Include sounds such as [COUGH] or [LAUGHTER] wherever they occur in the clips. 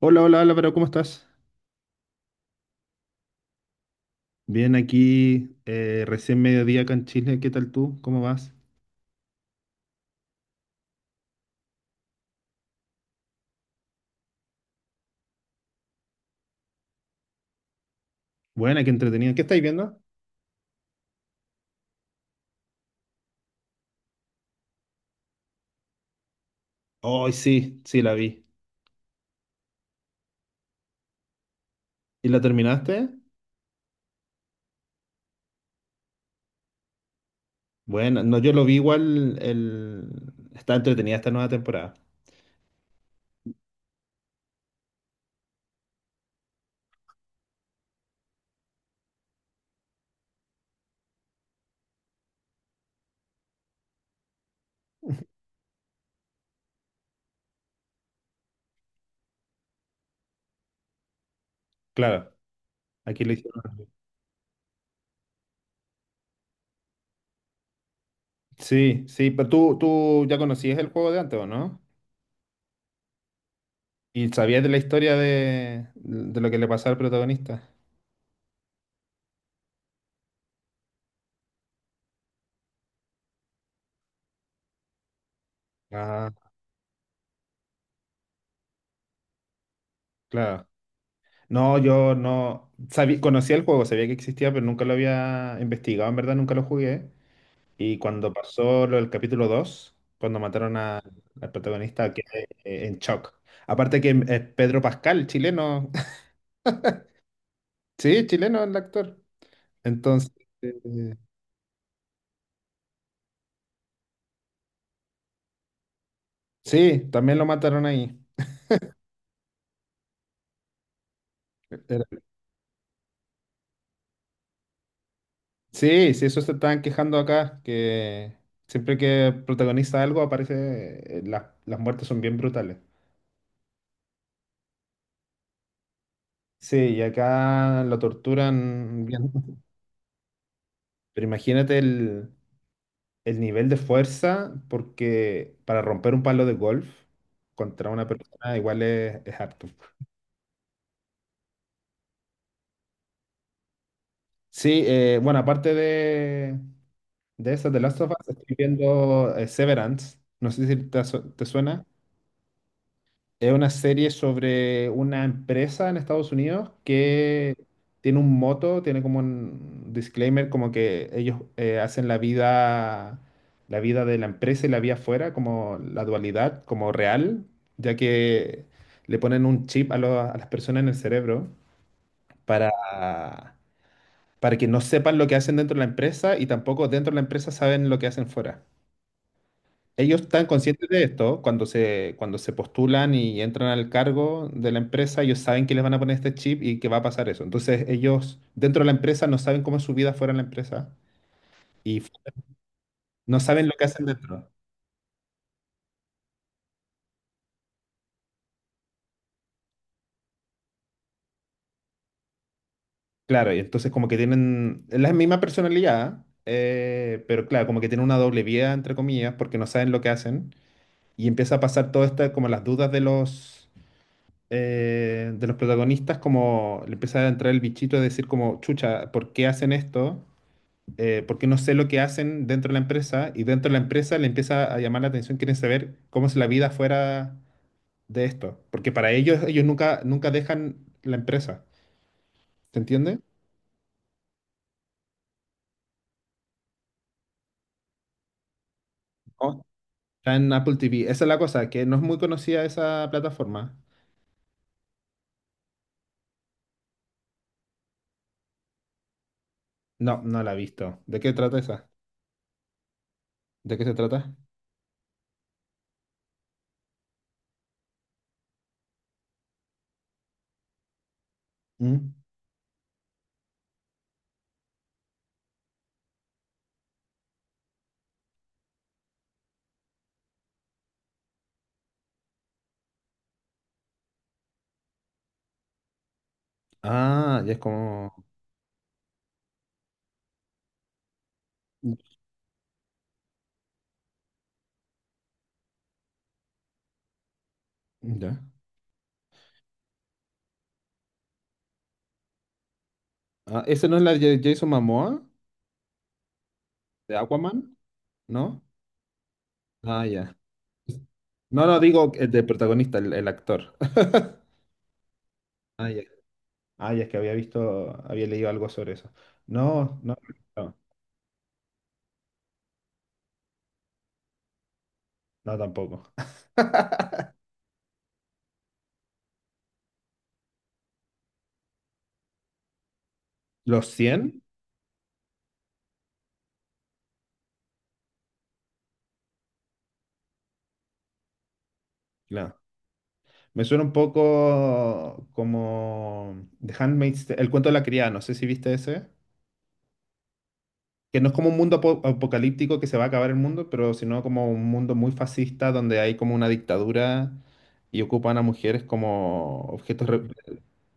Hola, hola Álvaro, ¿cómo estás? Bien, aquí recién mediodía acá en Chile. ¿Qué tal tú? ¿Cómo vas? Buena, qué entretenida. ¿Qué estáis viendo? Hoy sí, sí, la vi. ¿Y la terminaste? Bueno, no, yo lo vi igual. Está entretenida esta nueva temporada. Claro, aquí lo hicieron. Sí, sí, pero tú ya conocías el juego de antes, ¿o no? ¿Y sabías de la historia de lo que le pasó al protagonista? Ah, claro. No, yo no sabía, conocía el juego, sabía que existía, pero nunca lo había investigado, en verdad nunca lo jugué. Y cuando pasó lo del capítulo 2, cuando al protagonista, quedé en shock. Aparte que es Pedro Pascal, chileno. [LAUGHS] Sí, chileno el actor. Entonces, eh, sí, también lo mataron ahí. Era- Sí, sí, eso se estaban quejando acá, que siempre que protagoniza algo aparece, las muertes son bien brutales. Sí, y acá la torturan bien. Pero imagínate el nivel de fuerza, porque para romper un palo de golf contra una persona igual es harto. Sí, bueno, aparte de eso de Last of Us, estoy viendo Severance. No sé si te suena. Es una serie sobre una empresa en Estados Unidos que tiene un moto, tiene como un disclaimer, como que ellos hacen la vida de la empresa y la vida afuera, como la dualidad, como real, ya que le ponen un chip a las personas en el cerebro para, para que no sepan lo que hacen dentro de la empresa y tampoco dentro de la empresa saben lo que hacen fuera. Ellos están conscientes de esto cuando se postulan y entran al cargo de la empresa, ellos saben que les van a poner este chip y que va a pasar eso. Entonces ellos dentro de la empresa no saben cómo es su vida fuera de la empresa y f- no saben lo que hacen dentro. Claro, y entonces como que tienen es la misma personalidad, pero claro, como que tienen una doble vida, entre comillas, porque no saben lo que hacen y empieza a pasar todo esto, como las dudas de los protagonistas, como le empieza a entrar el bichito de decir como, chucha, ¿por qué hacen esto? Porque no sé lo que hacen dentro de la empresa y dentro de la empresa le empieza a llamar la atención, quieren saber cómo es la vida fuera de esto, porque para ellos nunca, nunca dejan la empresa, ¿se entiende? No. Está en Apple TV, esa es la cosa, que no es muy conocida esa plataforma. No, no la he visto. ¿De qué trata esa? ¿De qué se trata? ¿Mm? Ah, ya es como... mm, ya. Ah, ¿esa no es la de Jason Momoa? ¿De Aquaman? ¿No? Ah, ya. No, no, digo de protagonista, el actor. Ah, ya. Ah, ya es que había leído algo sobre eso. No, no, no, no tampoco. [LAUGHS] ¿Los 100, no. Me suena un poco como El cuento de la criada, no sé si viste ese. Que no es como un apocalíptico que se va a acabar el mundo, pero sino como un mundo muy fascista donde hay como una dictadura y ocupan a mujeres como objetos.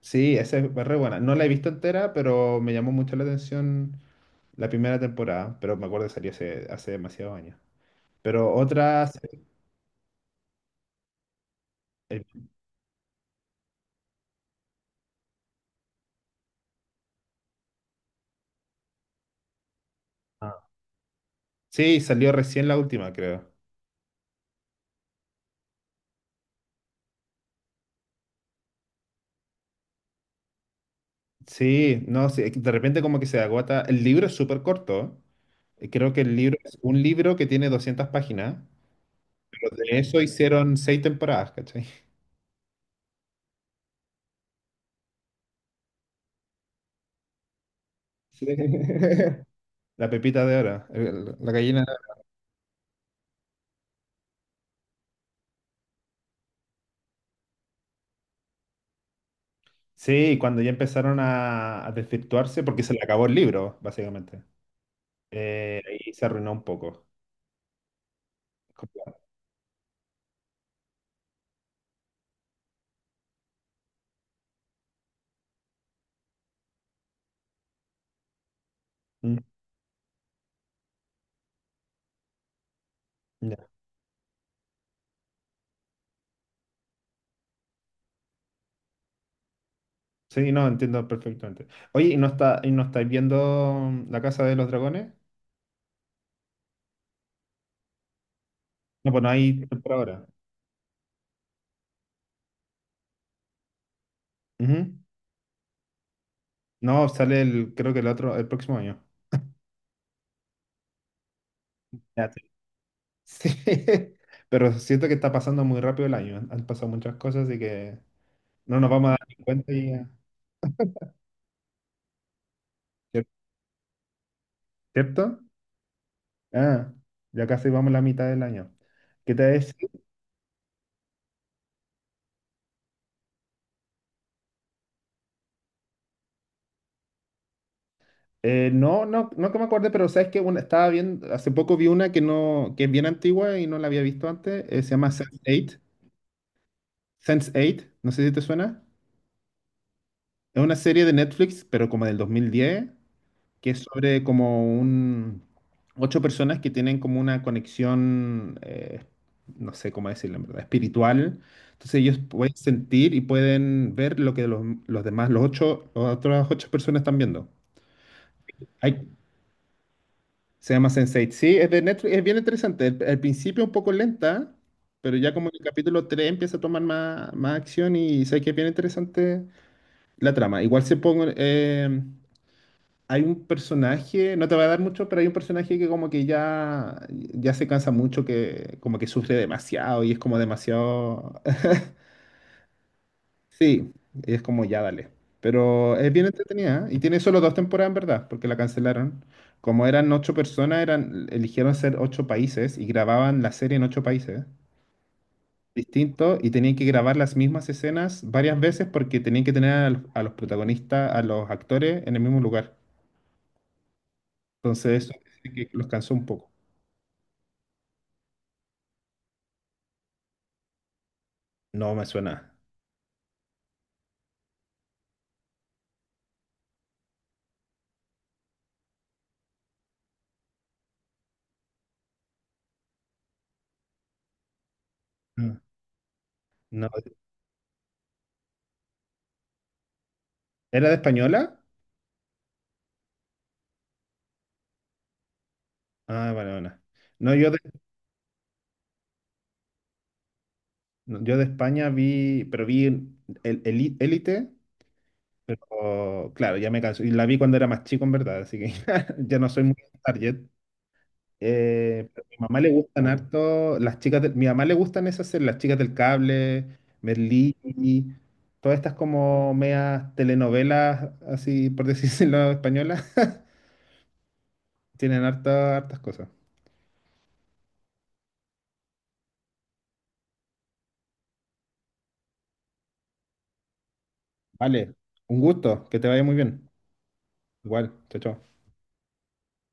Sí, esa es re buena. No la he visto entera, pero me llamó mucho la atención la primera temporada, pero me acuerdo que salió hace demasiados años. Pero otras... eh, ah, sí, salió recién la última, creo. Sí, no, sí, de repente como que se agota. El libro es súper corto. Creo que el libro es un libro que tiene 200 páginas, pero de eso hicieron seis temporadas, ¿cachai? Sí. [LAUGHS] La pepita de oro, la gallina. Sí, cuando ya empezaron a desvirtuarse, porque se le acabó el libro, básicamente. Ahí se arruinó un poco. Mm, sí, no, entiendo perfectamente. Oye, ¿y no estáis viendo La Casa de los Dragones? No, pues no hay por ahora. Ujú. No, sale el, creo que el otro, el próximo año. Ya, sí. Sí, [LAUGHS] pero siento que está pasando muy rápido el año. Han pasado muchas cosas y que no nos vamos a dar ni cuenta y ya. ¿Cier- ¿Cierto? Ah, ya casi vamos a la mitad del año. ¿Qué te decía? No, no, no que me acuerde, pero sabes que una, estaba viendo, hace poco vi una que no, que es bien antigua y no la había visto antes, se llama sense eight. Sense Eight, no sé si te suena. Es una serie de Netflix, pero como del 2010, que es sobre ocho personas que tienen como una conexión, no sé cómo decirlo en verdad, espiritual. Entonces ellos pueden sentir y pueden ver lo que los demás, los ocho, las otras ocho personas están viendo. Hay- Se llama sense Eight. Sí, es de Netflix, es bien interesante. El al principio un poco lenta, pero ya como en el capítulo 3 empieza a tomar más acción y sé que es bien interesante la trama. Igual se pongo. Hay un personaje, no te va a dar mucho, pero hay un personaje que como que ya, ya se cansa mucho, que como que sufre demasiado y es como demasiado. [LAUGHS] Sí, es como ya dale. Pero es bien entretenida ¿eh? Y tiene solo dos temporadas en verdad, porque la cancelaron. Como eran ocho personas, eligieron ser ocho países y grababan la serie en ocho países distintos y tenían que grabar las mismas escenas varias veces porque tenían que tener a los protagonistas, a los actores en el mismo lugar. Entonces, eso dice que los cansó un poco. No me suena. No. No. ¿Era de española? Ah, vale, bueno. No, yo de, no, yo de España vi, pero vi Élite. Claro, ya me canso. Y la vi cuando era más chico, en verdad, así que [LAUGHS] ya no soy muy target. Pero a mi mamá le gustan harto mi mamá le gustan esas series, las chicas del cable, Merlí, todas estas como medias telenovelas, así por decirlo [LAUGHS] españolas, tienen hartas cosas. Vale, un gusto, que te vaya muy bien. Igual, chao, chao.